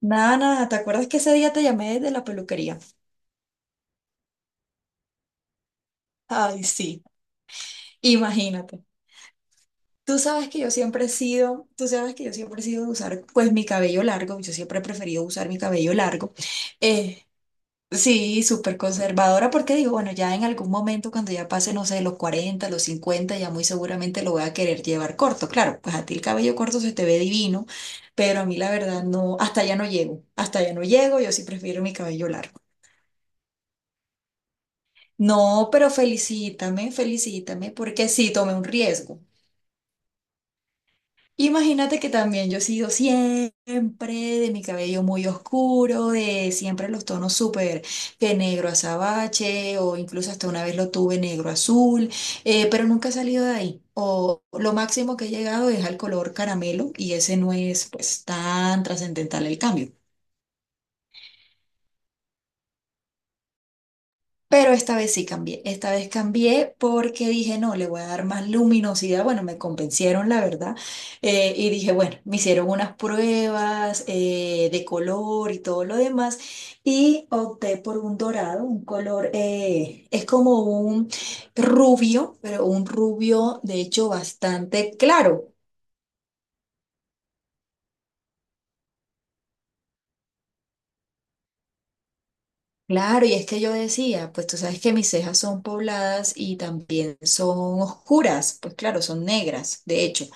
Nada, nada, ¿te acuerdas que ese día te llamé de la peluquería? Ay, sí, imagínate. Tú sabes que yo siempre he sido de usar pues mi cabello largo, yo siempre he preferido usar mi cabello largo. Eh, sí, súper conservadora porque digo, bueno, ya en algún momento cuando ya pase, no sé, los 40, los 50, ya muy seguramente lo voy a querer llevar corto. Claro, pues a ti el cabello corto se te ve divino, pero a mí la verdad no, hasta allá no llego, hasta allá no llego, yo sí prefiero mi cabello largo. No, pero felicítame, felicítame, porque sí tomé un riesgo. Imagínate que también yo he sido siempre de mi cabello muy oscuro, de siempre los tonos súper que negro azabache, o incluso hasta una vez lo tuve negro azul, pero nunca he salido de ahí. O lo máximo que he llegado es al color caramelo y ese no es pues tan trascendental el cambio. Pero esta vez sí cambié, esta vez cambié porque dije, no, le voy a dar más luminosidad. Bueno, me convencieron, la verdad. Y dije, bueno, me hicieron unas pruebas de color y todo lo demás. Y opté por un dorado, un color, es como un rubio, pero un rubio, de hecho, bastante claro. Claro, y es que yo decía, pues tú sabes que mis cejas son pobladas y también son oscuras, pues claro, son negras, de hecho.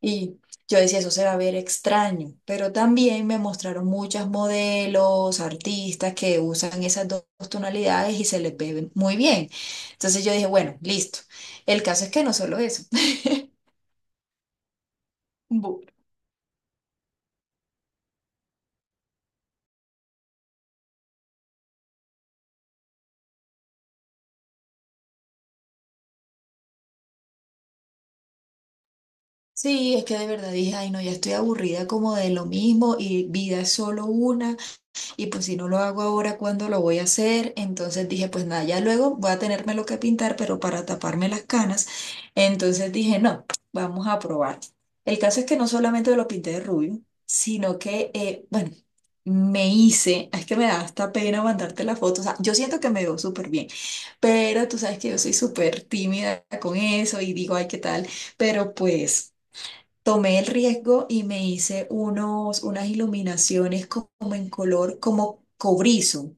Y yo decía, eso se va a ver extraño, pero también me mostraron muchas modelos, artistas que usan esas dos tonalidades y se les ve muy bien. Entonces yo dije, bueno, listo. El caso es que no solo eso. Bu- Sí, es que de verdad dije, ay no, ya estoy aburrida como de lo mismo y vida es solo una y pues si no lo hago ahora, ¿cuándo lo voy a hacer? Entonces dije, pues nada, ya luego voy a tenerme lo que pintar, pero para taparme las canas. Entonces dije, no, vamos a probar. El caso es que no solamente lo pinté de rubio, sino que, bueno, me hice, es que me da hasta pena mandarte la foto, o sea, yo siento que me veo súper bien, pero tú sabes que yo soy súper tímida con eso y digo, ay, ¿qué tal? Pero pues. Tomé el riesgo y me hice unos, unas iluminaciones como en color, como cobrizo.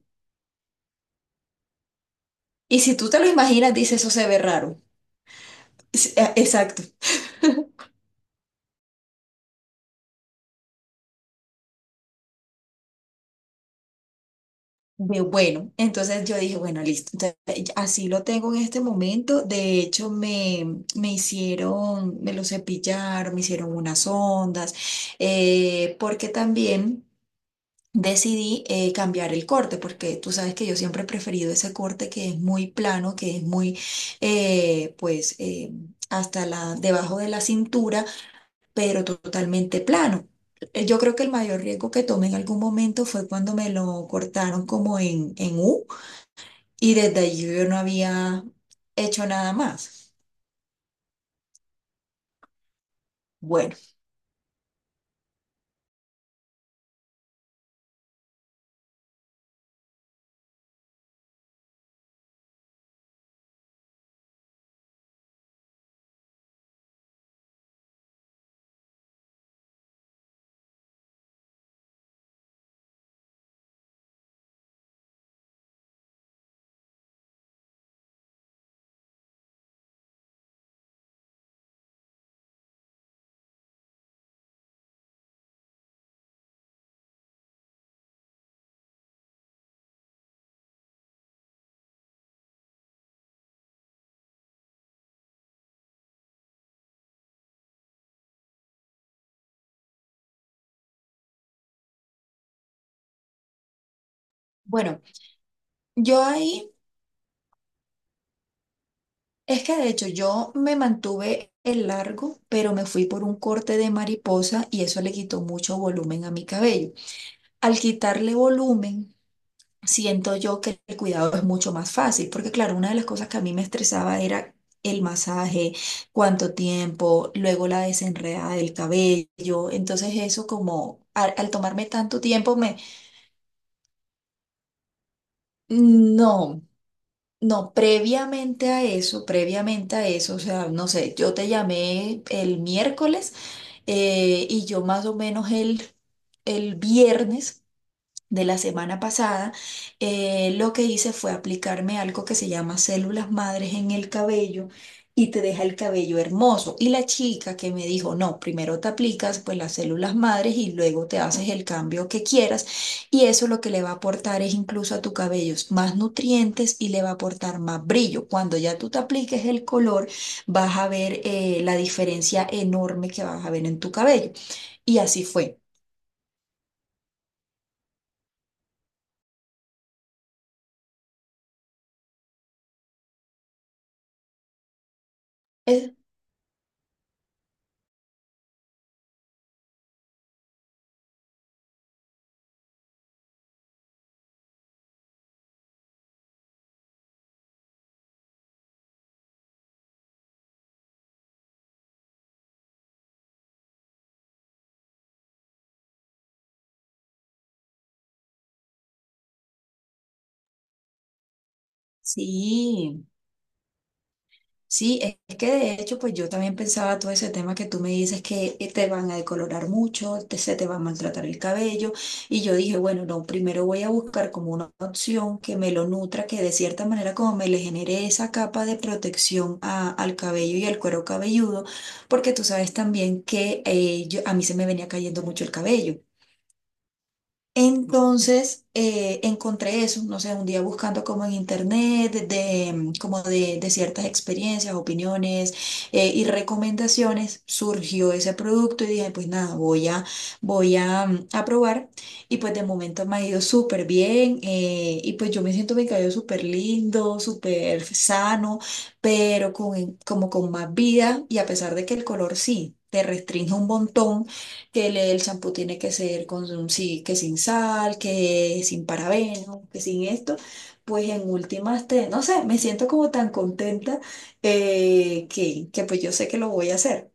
Y si tú te lo imaginas, dice eso se ve raro. Exacto. De bueno. Entonces yo dije, bueno, listo. Entonces, así lo tengo en este momento. De hecho, me hicieron, me lo cepillaron, me hicieron unas ondas, porque también. Decidí cambiar el corte, porque tú sabes que yo siempre he preferido ese corte que es muy plano, que es muy, eh, pues, eh, hasta la, debajo de la cintura, pero totalmente plano. Yo creo que el mayor riesgo que tomé en algún momento fue cuando me lo cortaron como en U y desde allí yo no había hecho nada más. Bueno, bueno, yo ahí. Es que de hecho yo me mantuve el largo, pero me fui por un corte de mariposa y eso le quitó mucho volumen a mi cabello. Al quitarle volumen, siento yo que el cuidado es mucho más fácil, porque claro, una de las cosas que a mí me estresaba era el masaje, cuánto tiempo, luego la desenredada del cabello. Entonces eso como al tomarme tanto tiempo me. No. No, previamente a eso, o sea, no sé, yo te llamé el miércoles. Y yo más o menos el viernes de la semana pasada, lo que hice fue aplicarme algo que se llama células madres en el cabello y te deja el cabello hermoso. Y la chica que me dijo, no, primero te aplicas pues las células madres y luego te haces el cambio que quieras. Y eso lo que le va a aportar es incluso a tu cabello más nutrientes y le va a aportar más brillo. Cuando ya tú te apliques el color, vas a ver la diferencia enorme que vas a ver en tu cabello. Y así fue. Eh, Sí. Sí, es que de hecho, pues yo también pensaba todo ese tema que tú me dices que te van a decolorar mucho, se te va a maltratar el cabello. Y yo dije, bueno, no, primero voy a buscar como una opción que me lo nutra, que de cierta manera como me le genere esa capa de protección al cabello y al cuero cabelludo, porque tú sabes también que a mí se me venía cayendo mucho el cabello. Entonces encontré eso, no sé, un día buscando como en internet, como de ciertas experiencias, opiniones y recomendaciones, surgió ese producto y dije, pues nada, a probar y pues de momento me ha ido súper bien y pues yo me siento mi cabello súper lindo, súper sano, pero con, como con más vida y a pesar de que el color sí. Te restringe un montón que el champú tiene que ser con sí, que sin sal, que sin parabenos, que sin esto, pues en últimas te, no sé, me siento como tan contenta que pues yo sé que lo voy a hacer.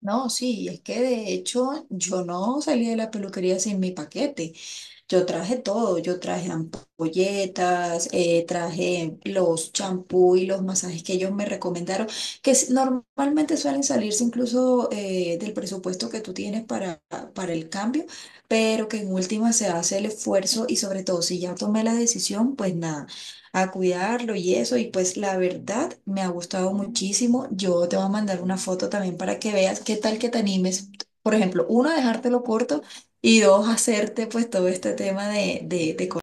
No, sí, es que de hecho yo no salí de la peluquería sin mi paquete. Yo traje todo, yo traje ampolletas, traje los champú y los masajes que ellos me recomendaron, normalmente suelen salirse incluso del presupuesto que tú tienes para, el cambio, pero que en última se hace el esfuerzo y sobre todo si ya tomé la decisión, pues nada, a cuidarlo y eso, y pues la verdad me ha gustado muchísimo. Yo te voy a mandar una foto también para que veas qué tal que te animes. Por ejemplo, uno, a dejártelo corto y dos, hacerte pues todo este tema de.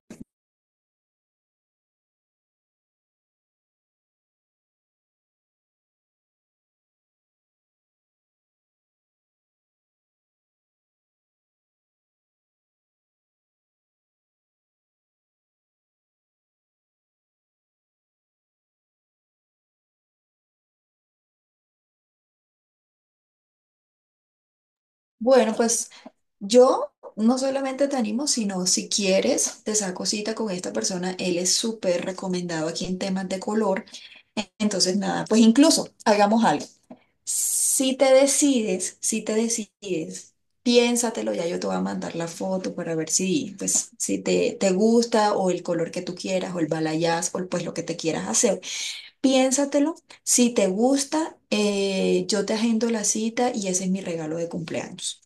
Bueno, pues yo no solamente te animo, sino si quieres, te saco cita con esta persona. Él es súper recomendado aquí en temas de color. Entonces, nada, pues incluso hagamos algo. Si te decides, si te decides, piénsatelo, ya yo te voy a mandar la foto para ver si, pues, si te gusta o el color que tú quieras o el balayage o pues lo que te quieras hacer. Piénsatelo, si te gusta, yo te agendo la cita y ese es mi regalo de cumpleaños.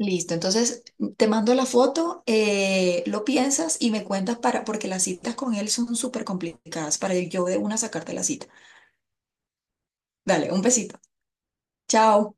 Listo, entonces te mando la foto, lo piensas y me cuentas para, porque las citas con él son súper complicadas para yo de una sacarte la cita. Dale, un besito. Chao.